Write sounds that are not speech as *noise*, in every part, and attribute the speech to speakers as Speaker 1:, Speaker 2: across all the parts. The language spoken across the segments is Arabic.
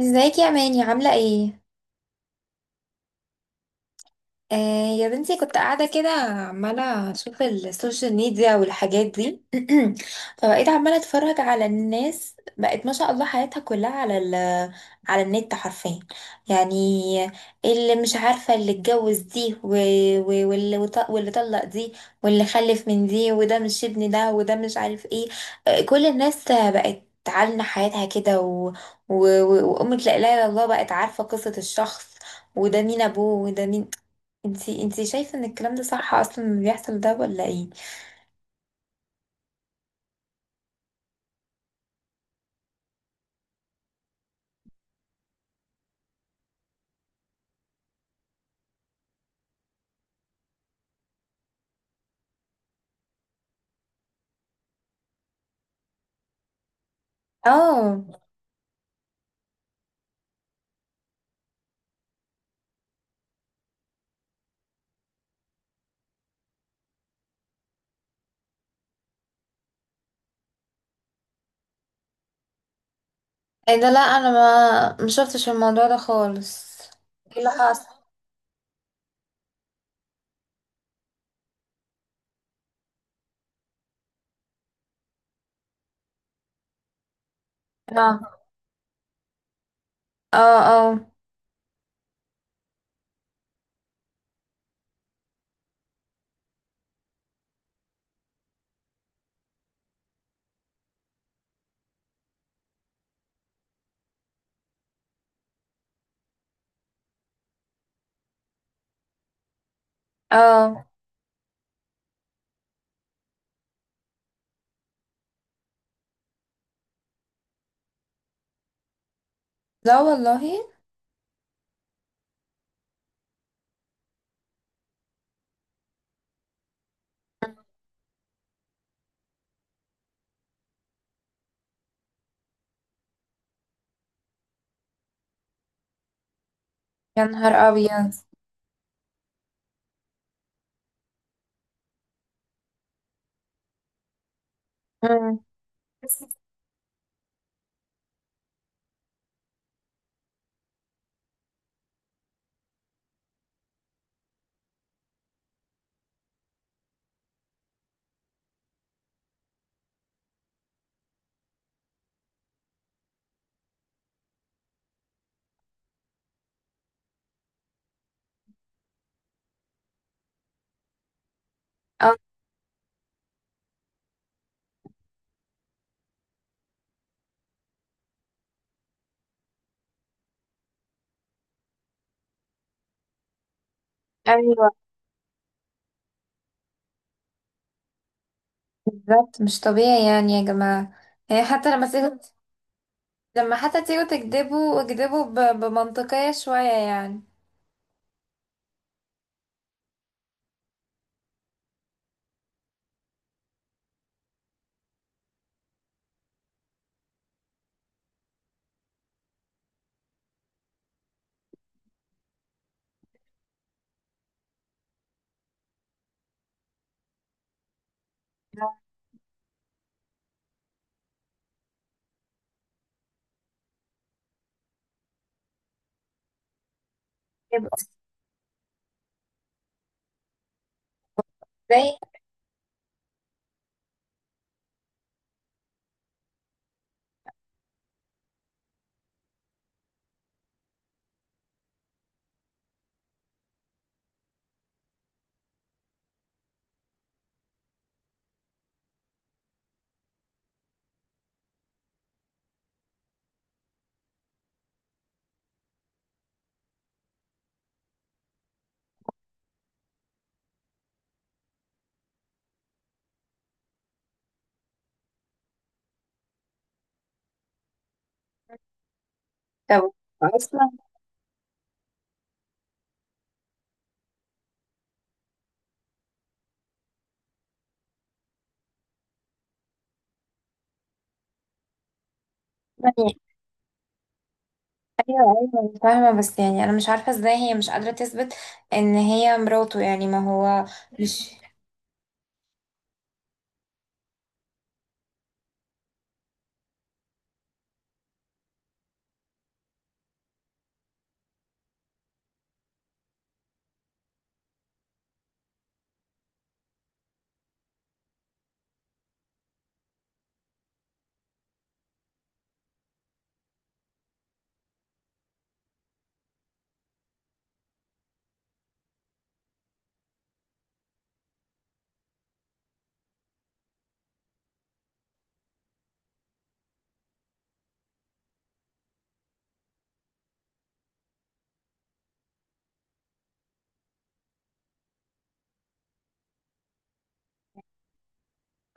Speaker 1: ازيك يا ماني؟ عاملة ايه؟ آه، يا بنتي كنت قاعدة كده، عمالة أشوف السوشيال ميديا والحاجات دي. *clears throat* فبقيت عمالة أتفرج على الناس، بقت ما شاء الله حياتها كلها على النت حرفيا، يعني. اللي مش عارفة اللي اتجوز دي، واللي طلق دي، واللي خلف من دي، وده مش ابن ده، وده مش عارف ايه. كل الناس بقت تعلن حياتها كده، و... وأمة لا إله إلا الله بقت عارفة قصة الشخص، وده مين ابوه وده مين. انتي شايفة ان الكلام ده صح اصلا اللي بيحصل ده ولا ايه؟ اه، ايه ده؟ لا، انا ما مشفتش الموضوع ده خالص. ايه اللي حصل؟ اه، اه، اه، اه، لا والله. يا نهار ابيض. مم. اه، ايوه، بالظبط مش طبيعي يعني يا جماعة. يعني حتى لما تيجوا، لما حتى تيجوا اكذبوا بمنطقية شوية يعني. يبقى ازاي؟ طب اصلا، ايوه، ايوه، فاهمه، بس يعني انا مش عارفه ازاي هي مش قادره تثبت ان هي مراته، يعني ما هو مش،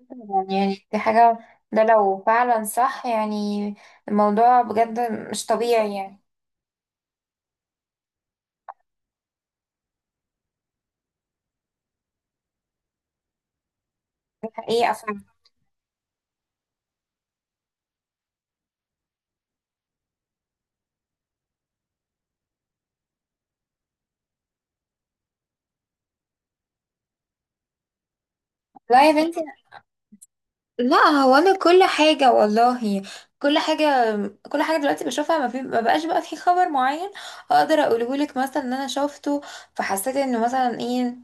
Speaker 1: يعني دي حاجه، ده لو فعلا صح يعني، الموضوع بجد مش طبيعي يعني. حقيقه فعلا. لا يا بنتي، لا هو انا كل حاجه والله، كل حاجه، كل حاجه دلوقتي بشوفها، ما, في ما بقاش بقى في خبر معين اقدر اقوله لك مثلا ان انا شفته فحسيت انه مثلا ايه،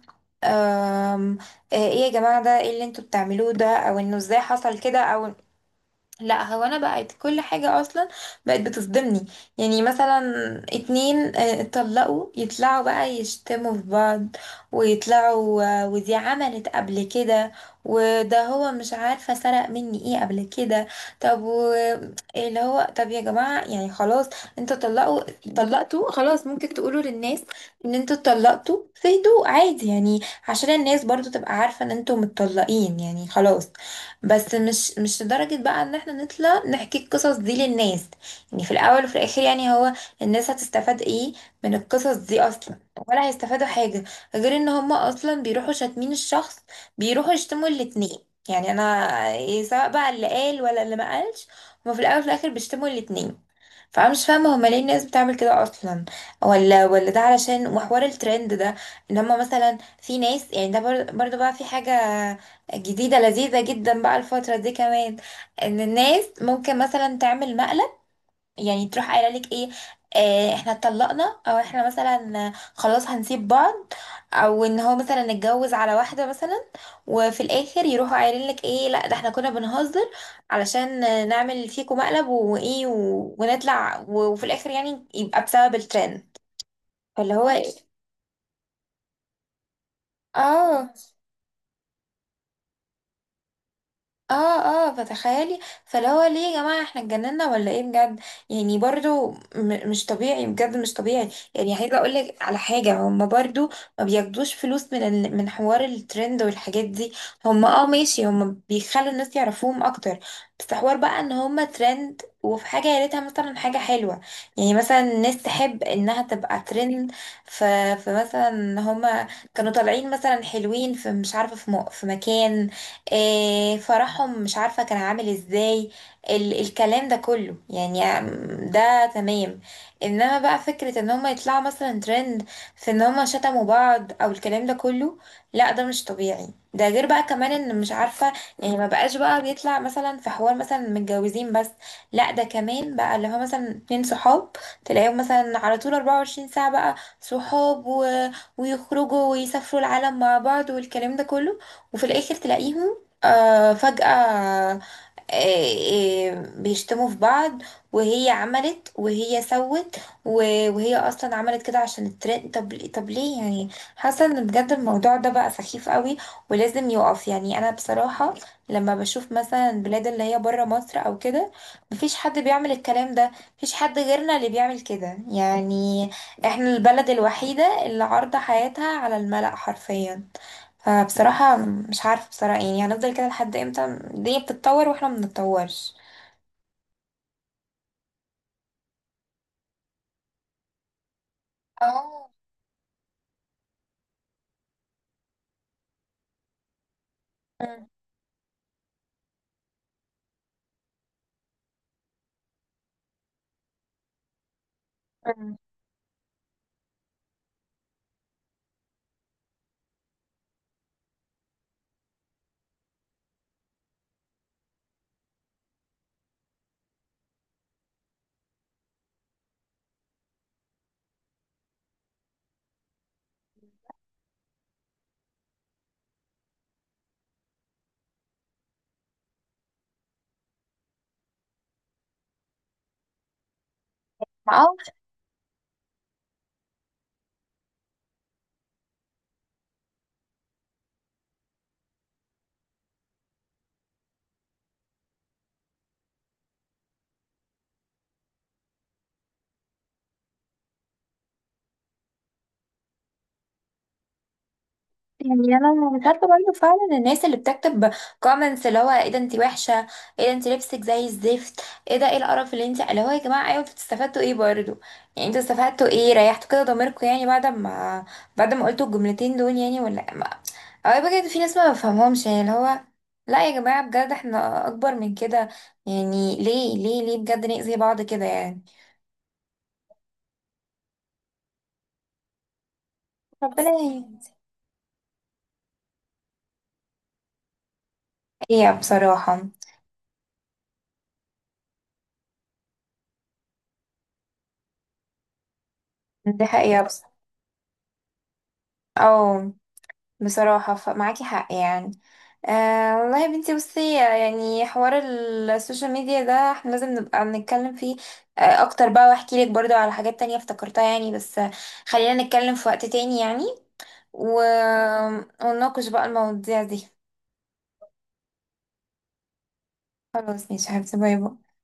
Speaker 1: أم، ايه يا جماعه ده ايه اللي انتوا بتعملوه ده، او انه ازاي حصل كده، او، لا هو انا بقت كل حاجة اصلا بقت بتصدمني. يعني مثلا اتنين اتطلقوا، يطلعوا بقى يشتموا في بعض، ويطلعوا ودي عملت قبل كده، وده هو مش عارفة سرق مني ايه قبل كده. طب و اللي هو طب يا جماعة يعني خلاص، انتوا طلقتوا خلاص، ممكن تقولوا للناس ان انتوا اتطلقتوا في هدوء عادي يعني، عشان الناس برضو تبقى عارفة ان انتوا متطلقين يعني خلاص. بس مش لدرجة بقى ان احنا نطلع نحكي القصص دي للناس يعني. في الاول وفي الاخر يعني هو الناس هتستفاد ايه من القصص دي اصلا؟ ولا هيستفادوا حاجة غير ان هما اصلا بيروحوا شاتمين الشخص، بيروحوا يشتموا الاتنين. يعني انا إيه، سواء بقى اللي قال ولا اللي ما قالش، هما في الاول وفي الاخر بيشتموا الاتنين. فانا مش فاهمه هما ليه الناس بتعمل كده اصلا؟ ولا ده علشان وحوار الترند ده، ان هما مثلا في ناس يعني، ده برضه بقى في حاجه جديده لذيذه جدا بقى الفتره دي كمان، ان الناس ممكن مثلا تعمل مقلب، يعني تروح قايله لك ايه، احنا اتطلقنا، او احنا مثلا خلاص هنسيب بعض، او ان هو مثلا اتجوز على واحده مثلا، وفي الاخر يروحوا قايلين لك ايه، لا ده احنا كنا بنهزر علشان نعمل فيكم مقلب وايه ونطلع، وفي الاخر يعني يبقى بسبب الترند. فاللي هو أيوة. اه، اه، اه، فتخيلي، فاللي هو ليه يا جماعة احنا اتجننا ولا ايه بجد؟ يعني برضو مش طبيعي بجد، مش طبيعي. يعني عايزة اقولك على حاجة، هم برضو ما بياخدوش فلوس من حوار الترند والحاجات دي. هم اه ماشي، هم بيخلوا الناس يعرفوهم اكتر، بس حوار بقى ان هم ترند، وفي حاجة يا ريتها مثلا حاجة حلوة، يعني مثلا الناس تحب انها تبقى ترند. ف... فمثلا هما كانوا طالعين مثلا حلوين في مش عارفة، في مكان، فرحهم مش عارفة كان عامل ازاي، الكلام ده كله يعني، ده تمام. انما بقى فكرة ان هما يطلعوا مثلا ترند في ان هما شتموا بعض او الكلام ده كله، لا ده مش طبيعي. ده غير بقى كمان ان مش عارفة، يعني ما بقاش بقى بيطلع مثلا في حوار مثلا متجوزين بس، لا ده كمان بقى اللي هو مثلا اتنين صحاب تلاقيهم مثلا على طول 24 ساعة بقى صحاب ويخرجوا ويسافروا العالم مع بعض والكلام ده كله، وفي الاخر تلاقيهم فجأة بيشتموا في بعض، وهي عملت وهي سوت، وهي أصلا عملت كده عشان الترند. طب ليه يعني؟ حاسة إن بجد الموضوع ده بقى سخيف قوي ولازم يقف يعني. أنا بصراحة لما بشوف مثلا البلاد اللي هي برا مصر أو كده، مفيش حد بيعمل الكلام ده، مفيش حد غيرنا اللي بيعمل كده يعني. احنا البلد الوحيدة اللي عارضة حياتها على الملأ حرفيا. فبصراحة مش عارفة بصراحة يعني، هنفضل كده لحد امتى؟ الدنيا بتتطور واحنا ما بنتطورش. اه. مم. مم. ما اه. يعني انا مش عارفه برضه فعلا الناس اللي بتكتب كومنتس، اللي هو ايه ده انت وحشه، ايه ده انت لبسك زي الزفت، ايه ده ايه القرف اللي انت، اللي هو يا جماعه، ايوه انتوا استفدتوا ايه برضه؟ يعني انتوا استفدتوا ايه؟ ريحتوا كده ضميركم يعني، بعد ما قلتوا الجملتين دول يعني، ولا ما، او بجد في ناس ما بفهمهمش يعني، اللي هو لا يا جماعه بجد احنا اكبر من كده. يعني ليه، ليه، ليه بجد نأذي بعض كده يعني؟ ربنا يهديها بصراحه. دي حقيقه بصراحه. اه بصراحة، معاكي حق يعني. آه والله يا بنتي بصي، يعني حوار السوشيال ميديا ده احنا لازم نبقى بنتكلم فيه اكتر بقى، واحكي لك برضو على حاجات تانية افتكرتها يعني، بس خلينا نتكلم في وقت تاني يعني، و... ونناقش بقى المواضيع دي. خلاص ماشي يا حبيبتي. باي باي.